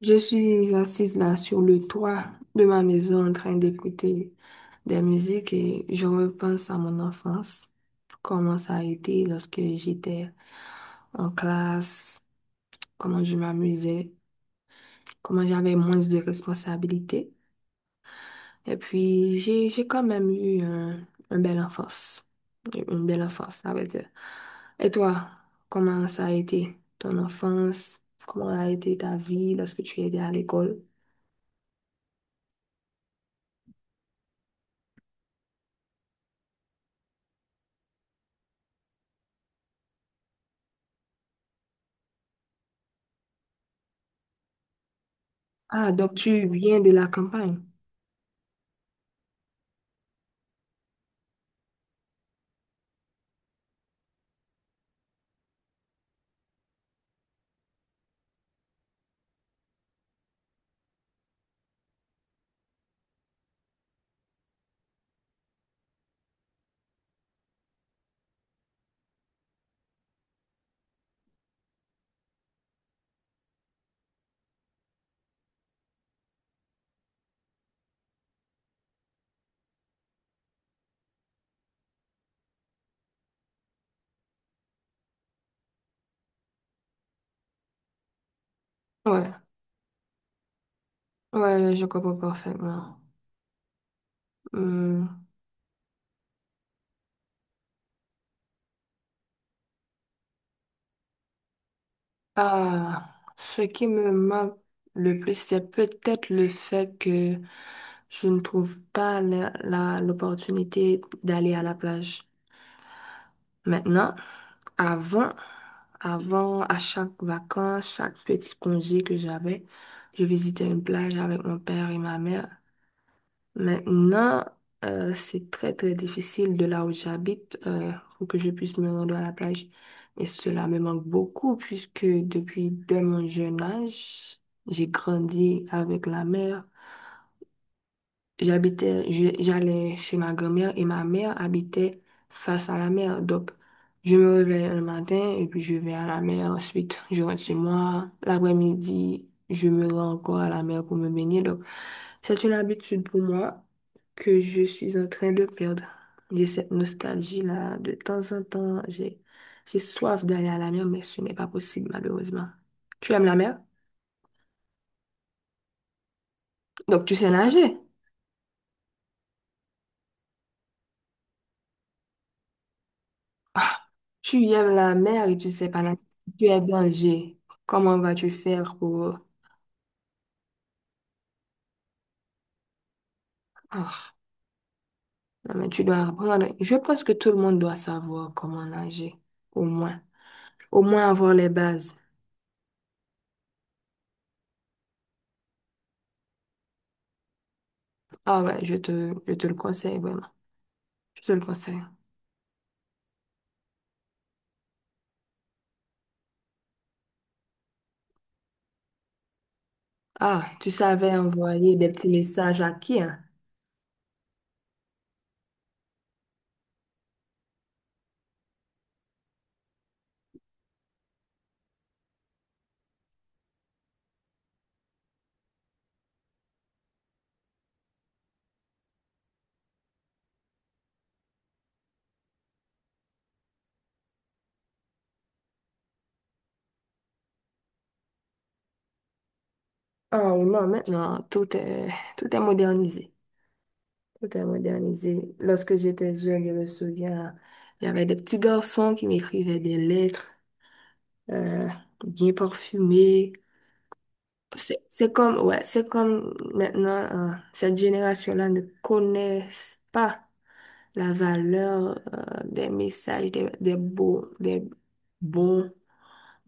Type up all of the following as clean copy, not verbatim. Je suis assise là sur le toit de ma maison en train d'écouter des musiques et je repense à mon enfance, comment ça a été lorsque j'étais en classe, comment je m'amusais, comment j'avais moins de responsabilités. Et puis j'ai quand même eu un belle enfance, une belle enfance, ça veut dire. Et toi, comment ça a été ton enfance? Comment a été ta vie lorsque tu étais à l'école? Ah, donc tu viens de la campagne. Ouais, ouais, je comprends parfaitement. Hmm. Ah, ce qui me manque le plus, c'est peut-être le fait que je ne trouve pas l'opportunité d'aller à la plage. Maintenant, avant, avant, à chaque vacances, chaque petit congé que j'avais, je visitais une plage avec mon père et ma mère. Maintenant, c'est très très difficile de là où j'habite pour que je puisse me rendre à la plage. Et cela me manque beaucoup puisque depuis dès mon jeune âge, j'ai grandi avec la mer. J'allais chez ma grand-mère et ma mère habitait face à la mer. Donc, je me réveille le matin et puis je vais à la mer. Ensuite, je rentre chez moi. L'après-midi, je me rends encore à la mer pour me baigner. Donc, c'est une habitude pour moi que je suis en train de perdre. J'ai cette nostalgie-là. De temps en temps, j'ai soif d'aller à la mer, mais ce n'est pas possible, malheureusement. Tu aimes la mer? Donc, tu sais nager? Ah, tu aimes la mer et tu sais pas nager. Tu es danger. Comment vas-tu faire pour... Ah, non, mais tu dois apprendre. Je pense que tout le monde doit savoir comment nager. Au moins. Au moins avoir les bases. Ah ouais, je te le conseille, vraiment. Je te le conseille. Ah, tu savais envoyer des petits messages à qui, hein? Oh non, maintenant, tout est modernisé. Tout est modernisé. Lorsque j'étais jeune, je me souviens, il y avait des petits garçons qui m'écrivaient des lettres. euh, Bien parfumé. C'est comme, ouais, c'est comme maintenant, cette génération-là ne connaissent pas la valeur des messages, des beaux, bons,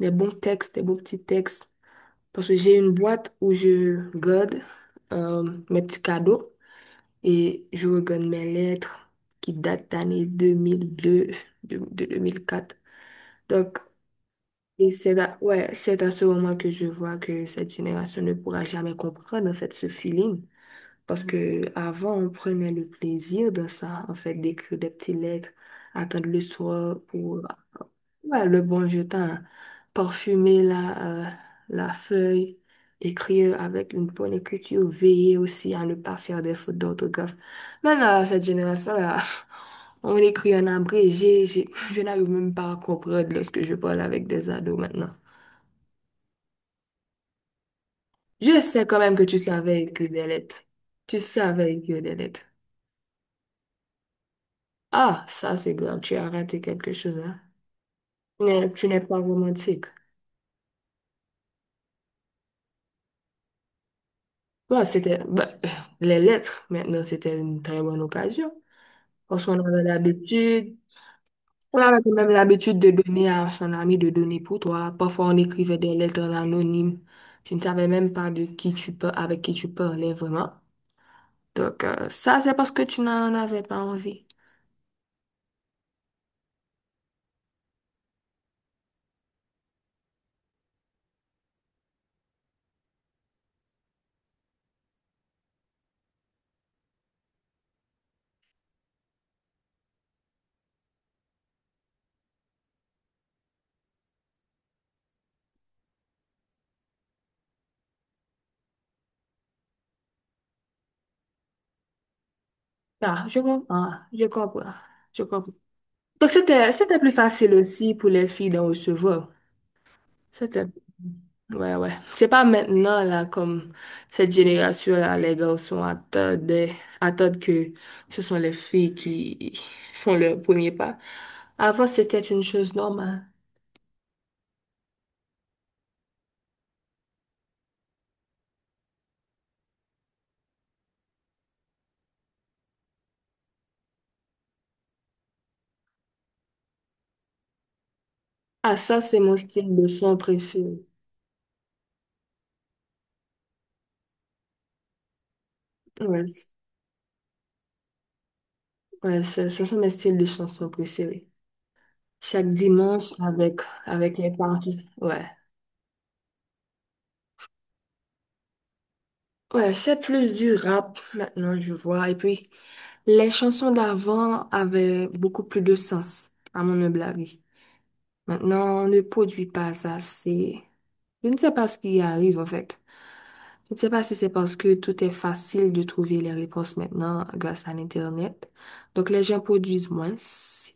des bons textes, des beaux petits textes. Parce que j'ai une boîte où je garde euh, mes petits cadeaux et je regarde mes lettres qui datent d'année 2002 de deux mille quatre. Donc, et c'est à, ouais, c'est à ce moment que je vois que cette génération ne pourra jamais comprendre en fait ce feeling. Parce que avant, on prenait le plaisir de ça, en fait, d'écrire des petites lettres, attendre le soir pour, ouais, le bon jetin, parfumer la feuille, écrire avec une bonne écriture, veiller aussi à ne pas faire des fautes d'orthographe. Maintenant, cette génération-là, on écrit en abrégé, je n'arrive même pas à comprendre lorsque je parle avec des ados maintenant. Je sais quand même que tu savais écrire des lettres. Tu savais écrire des lettres. Ah, ça c'est grave, tu as raté quelque chose, hein. Tu n'es pas romantique. Bon, c'était les lettres, maintenant, c'était une très bonne occasion. Parce qu'on avait l'habitude, on avait quand même l'habitude de donner à son ami, de donner pour toi. Parfois, on écrivait des lettres anonymes. Tu ne savais même pas de qui tu peux, avec qui tu parlais vraiment. Donc, ça, c'est parce que tu n'en avais pas envie. Ah, je comprends, je comprends, je comprends. Donc, c'était plus facile aussi pour les filles d'en recevoir. C'était, ouais, ouais. C'est pas maintenant, là, comme cette génération-là, les garçons attendent, attendent que ce sont les filles qui font leur premier pas. Avant, c'était une chose normale. Ah, ça, c'est mon style de son préféré. Ouais, ce sont mes styles de chansons préférés. Chaque dimanche, avec les parties. Ouais. Ouais, c'est plus du rap maintenant, je vois. Et puis, les chansons d'avant avaient beaucoup plus de sens, à mon humble avis. Maintenant, on ne produit pas ça. C'est... Je ne sais pas ce qui arrive, en fait. Je ne sais pas si c'est parce que tout est facile de trouver les réponses maintenant grâce à l'Internet. Donc, les gens produisent moins. Si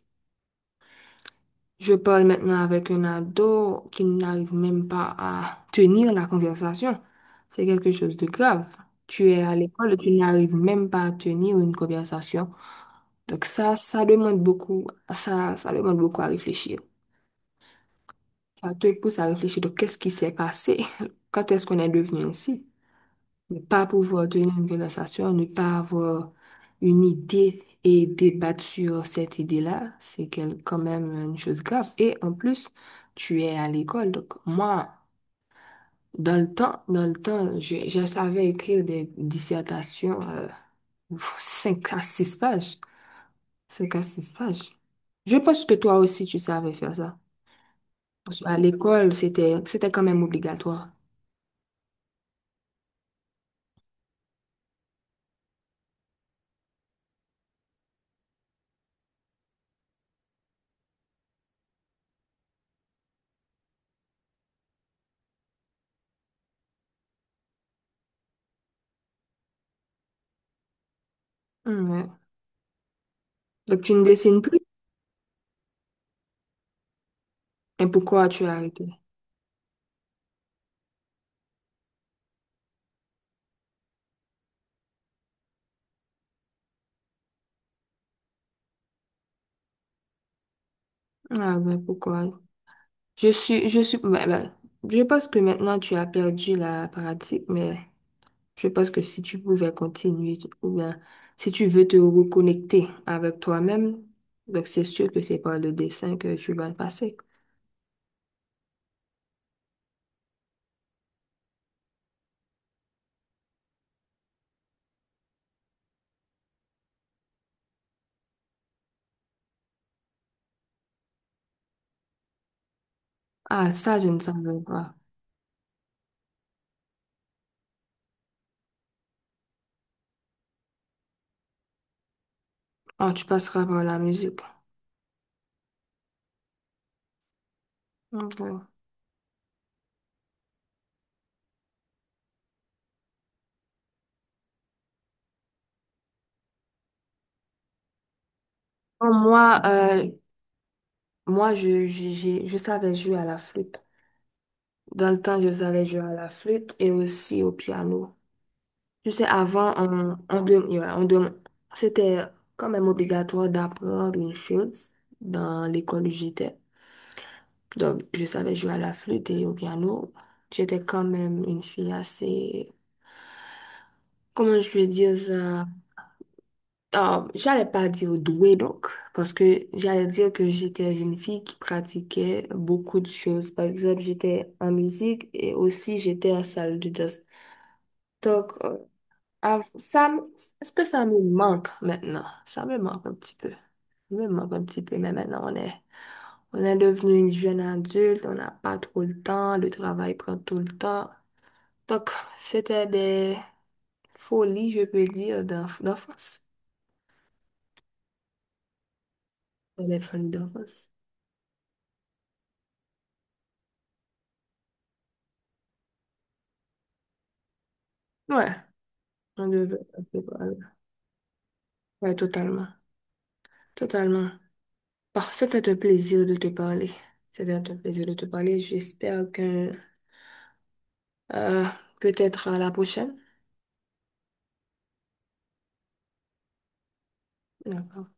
je parle maintenant avec un ado qui n'arrive même pas à tenir la conversation. C'est quelque chose de grave. Tu es à l'école et tu n'arrives même pas à tenir une conversation. Donc ça demande beaucoup, ça demande beaucoup à réfléchir. Ça te pousse à réfléchir de qu'est-ce qui s'est passé? Quand est-ce qu'on est devenu ainsi? Ne pas pouvoir tenir une conversation, ne pas avoir une idée et débattre sur cette idée-là, c'est quand même une chose grave. Et en plus, tu es à l'école. Donc, moi, dans le temps, je savais écrire des dissertations, 5 à 6 pages. Cinq à 6 pages. Je pense que toi aussi, tu savais faire ça. Parce que à l'école, c'était quand même obligatoire. Mm, ouais. Donc, tu ne dessines plus. Et pourquoi tu as arrêté? Ah ben pourquoi? Ouais, ben, je pense que maintenant tu as perdu la pratique, mais je pense que si tu pouvais continuer, ou bien si tu veux te reconnecter avec toi-même, donc c'est sûr que c'est par le dessin que tu vas passer. Ah, ça, je ne savais pas. Ah, tu passeras par la musique. Ok. Bon, moi, je savais jouer à la flûte. Dans le temps, je savais jouer à la flûte et aussi au piano. Je sais, avant, on, dem- ouais, on dem- c'était quand même obligatoire d'apprendre une chose dans l'école où j'étais. Donc, je savais jouer à la flûte et au piano. J'étais quand même une fille assez, comment je vais dire ça? Ah, j'allais pas dire douée, donc, parce que j'allais dire que j'étais une fille qui pratiquait beaucoup de choses. Par exemple, j'étais en musique et aussi j'étais en salle de danse. Donc, ah, ça, est-ce que ça me manque maintenant? Ça me manque un petit peu. Ça me manque un petit peu, mais maintenant on est devenu une jeune adulte, on n'a pas trop le temps, le travail prend tout le temps. Donc, c'était des folies, je peux dire, d'enfance. C'était des folies d'enfance. Ouais, on devait un peu parler. Ouais, totalement. Totalement. Bon, c'était un plaisir de te parler. C'était un plaisir de te parler. J'espère que euh, peut-être à la prochaine. D'accord.